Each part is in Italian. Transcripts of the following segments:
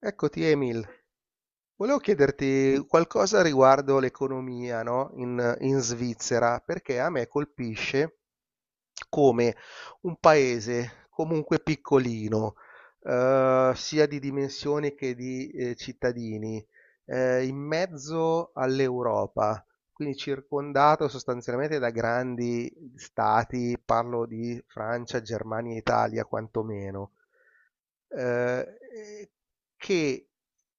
Eccoti Emil, volevo chiederti qualcosa riguardo l'economia, no? In Svizzera, perché a me colpisce come un paese comunque piccolino, sia di dimensioni che di cittadini, in mezzo all'Europa, quindi circondato sostanzialmente da grandi stati, parlo di Francia, Germania e Italia quantomeno e che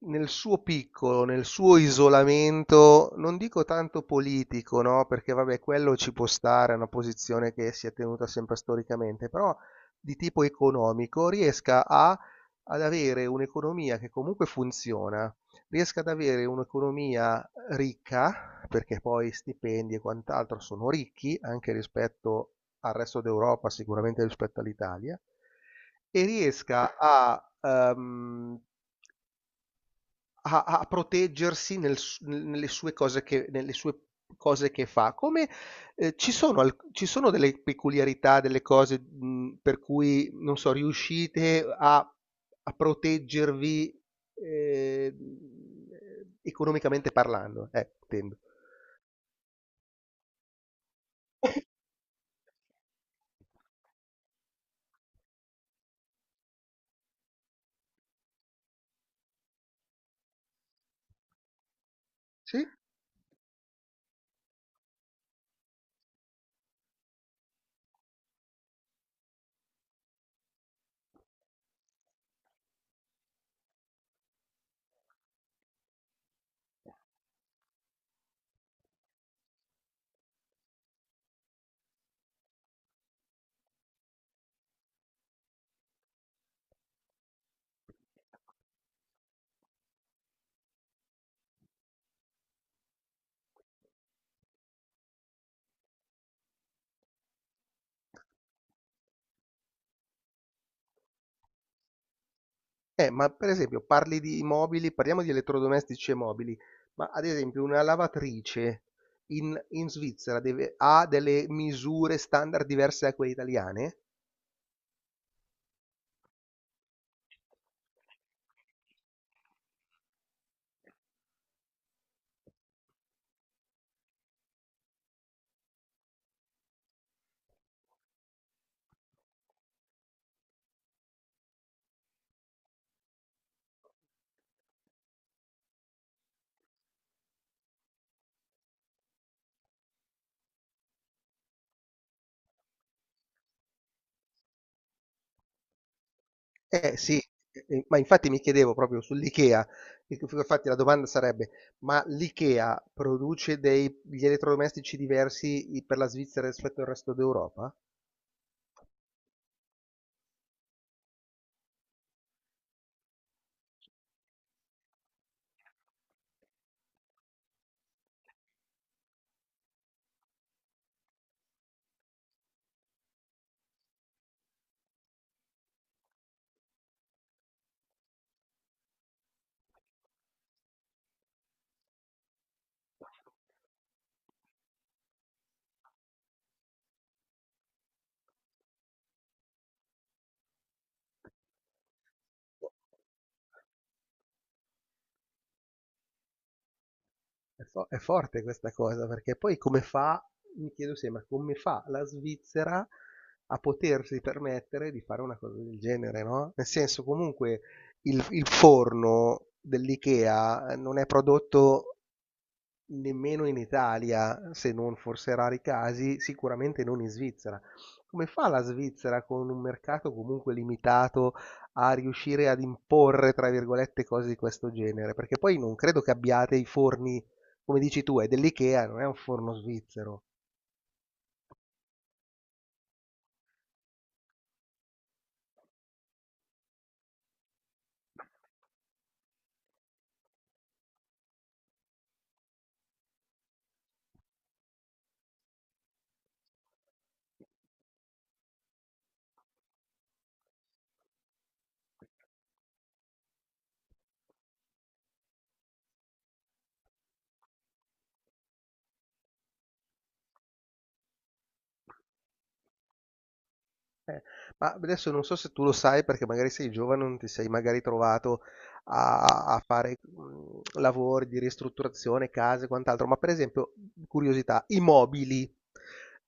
nel suo piccolo, nel suo isolamento, non dico tanto politico, no? Perché vabbè, quello ci può stare, è una posizione che si è tenuta sempre storicamente, però di tipo economico riesca a ad avere un'economia che comunque funziona, riesca ad avere un'economia ricca, perché poi stipendi e quant'altro sono ricchi anche rispetto al resto d'Europa, sicuramente rispetto all'Italia, e riesca a proteggersi nelle sue cose che fa. Come, ci sono delle peculiarità, delle cose, per cui, non so, riuscite a proteggervi, ehm, economicamente parlando, intendo. Sì? Ma per esempio parli di mobili, parliamo di elettrodomestici e mobili, ma ad esempio una lavatrice in Svizzera ha delle misure standard diverse da quelle italiane? Eh sì, ma infatti mi chiedevo proprio sull'IKEA, infatti la domanda sarebbe, ma l'IKEA produce degli elettrodomestici diversi per la Svizzera rispetto al resto d'Europa? È forte questa cosa, perché poi come fa, mi chiedo sempre, come fa la Svizzera a potersi permettere di fare una cosa del genere, no? Nel senso, comunque, il forno dell'IKEA non è prodotto nemmeno in Italia, se non forse rari casi, sicuramente non in Svizzera. Come fa la Svizzera con un mercato comunque limitato a riuscire ad imporre, tra virgolette, cose di questo genere? Perché poi non credo che abbiate i forni, come dici tu, è dell'IKEA, non è un forno svizzero. Eh, ma adesso non so se tu lo sai, perché magari sei giovane, non ti sei magari trovato a fare lavori di ristrutturazione, case e quant'altro, ma per esempio, curiosità, i mobili,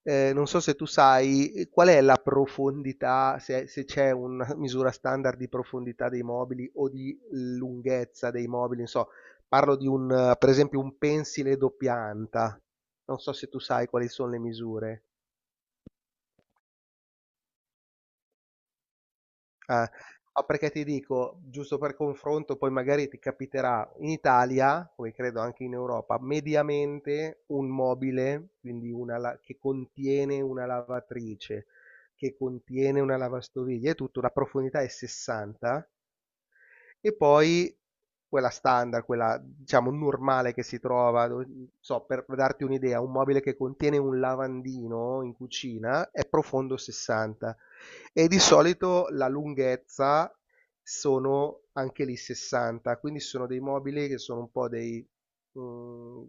non so se tu sai qual è la profondità, se c'è una misura standard di profondità dei mobili o di lunghezza dei mobili. Non so, parlo di un, per esempio, un pensile doppia anta. Non so se tu sai quali sono le misure. Eh, ma perché ti dico, giusto per confronto, poi magari ti capiterà in Italia, come credo anche in Europa, mediamente un mobile, quindi che contiene una lavatrice, che contiene una lavastoviglie, è tutto, la profondità è 60 e poi quella standard, quella diciamo normale che si trova, non so, per darti un'idea, un mobile che contiene un lavandino in cucina è profondo 60 e di solito la lunghezza sono anche lì 60, quindi sono dei mobili che sono un po' dei, mm,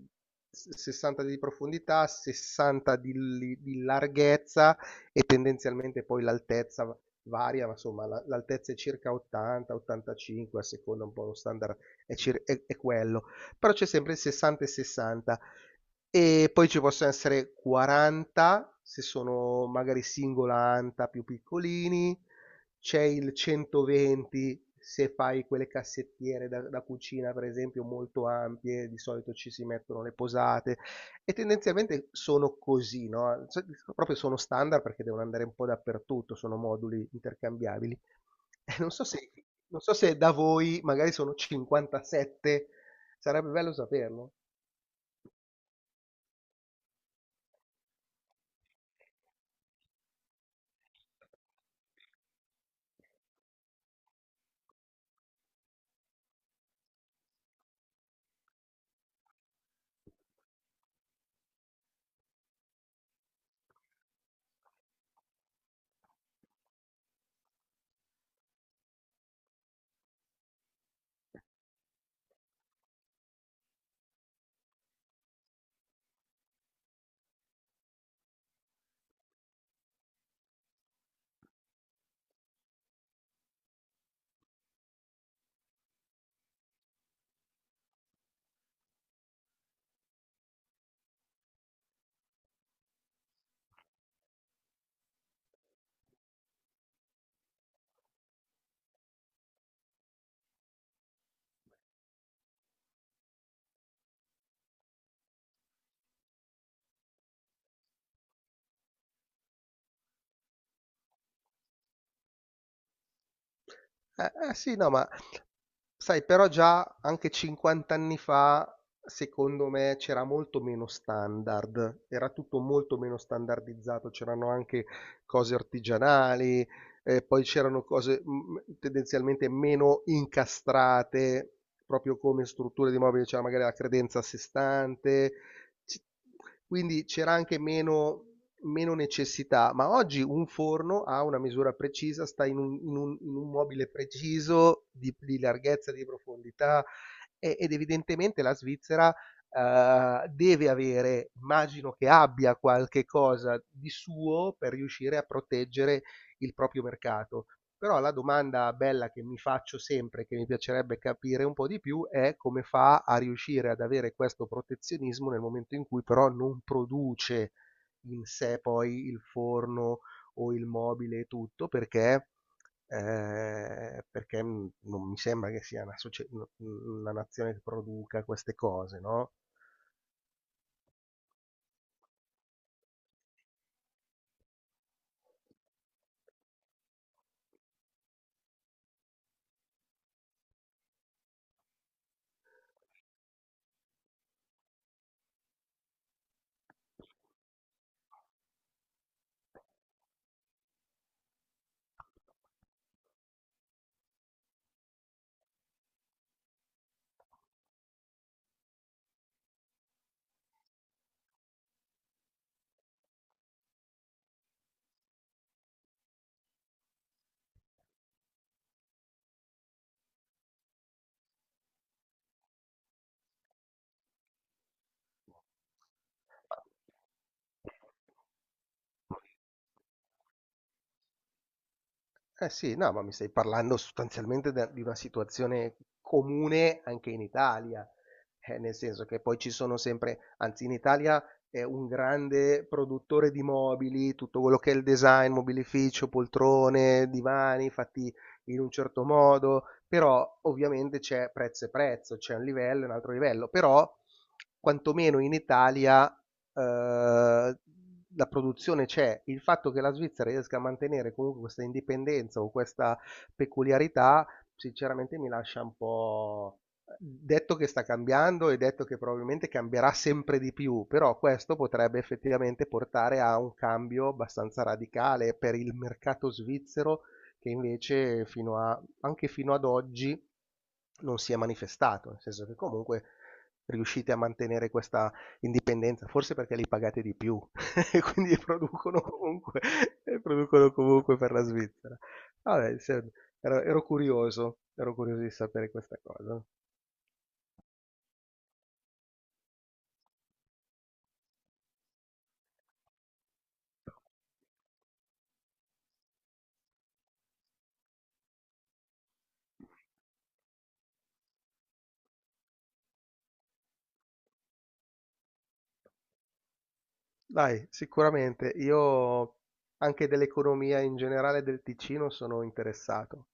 60 di profondità, 60 di larghezza, e tendenzialmente poi l'altezza varia, ma insomma l'altezza è circa 80-85, a seconda un po' lo standard è quello, però c'è sempre il 60 e 60 e poi ci possono essere 40 se sono magari singola anta più piccolini, c'è il 120 se fai quelle cassettiere da cucina per esempio molto ampie, di solito ci si mettono le posate, e tendenzialmente sono così, no, cioè, proprio sono standard perché devono andare un po' dappertutto, sono moduli intercambiabili. E non so se da voi magari sono 57, sarebbe bello saperlo. Eh, sì, no, ma sai, però già anche 50 anni fa, secondo me, c'era molto meno standard, era tutto molto meno standardizzato, c'erano anche cose artigianali, poi c'erano cose, tendenzialmente meno incastrate, proprio come strutture di mobili, c'era magari la credenza a sé stante, c- quindi c'era anche meno necessità, ma oggi un forno ha una misura precisa, sta in un mobile preciso di larghezza, di profondità ed evidentemente la Svizzera, deve avere, immagino che abbia qualche cosa di suo per riuscire a proteggere il proprio mercato. Però la domanda bella che mi faccio sempre, che mi piacerebbe capire un po' di più, è come fa a riuscire ad avere questo protezionismo nel momento in cui però non produce in sé poi il forno o il mobile e tutto, perché, non mi sembra che sia una nazione che produca queste cose, no? Eh sì, no, ma mi stai parlando sostanzialmente de di una situazione comune anche in Italia, nel senso che poi ci sono sempre, anzi in Italia è un grande produttore di mobili, tutto quello che è il design, mobilificio, poltrone, divani fatti in un certo modo, però ovviamente c'è prezzo e prezzo, c'è un livello e un altro livello, però quantomeno in Italia, la produzione c'è. Il fatto che la Svizzera riesca a mantenere comunque questa indipendenza o questa peculiarità sinceramente mi lascia un po'. Detto che sta cambiando e detto che probabilmente cambierà sempre di più, però questo potrebbe effettivamente portare a un cambio abbastanza radicale per il mercato svizzero, che invece fino a anche fino ad oggi non si è manifestato, nel senso che comunque riuscite a mantenere questa indipendenza, forse perché li pagate di più e quindi producono comunque per la Svizzera. Vabbè, ero curioso di sapere questa cosa. Dai, sicuramente io anche dell'economia in generale del Ticino sono interessato.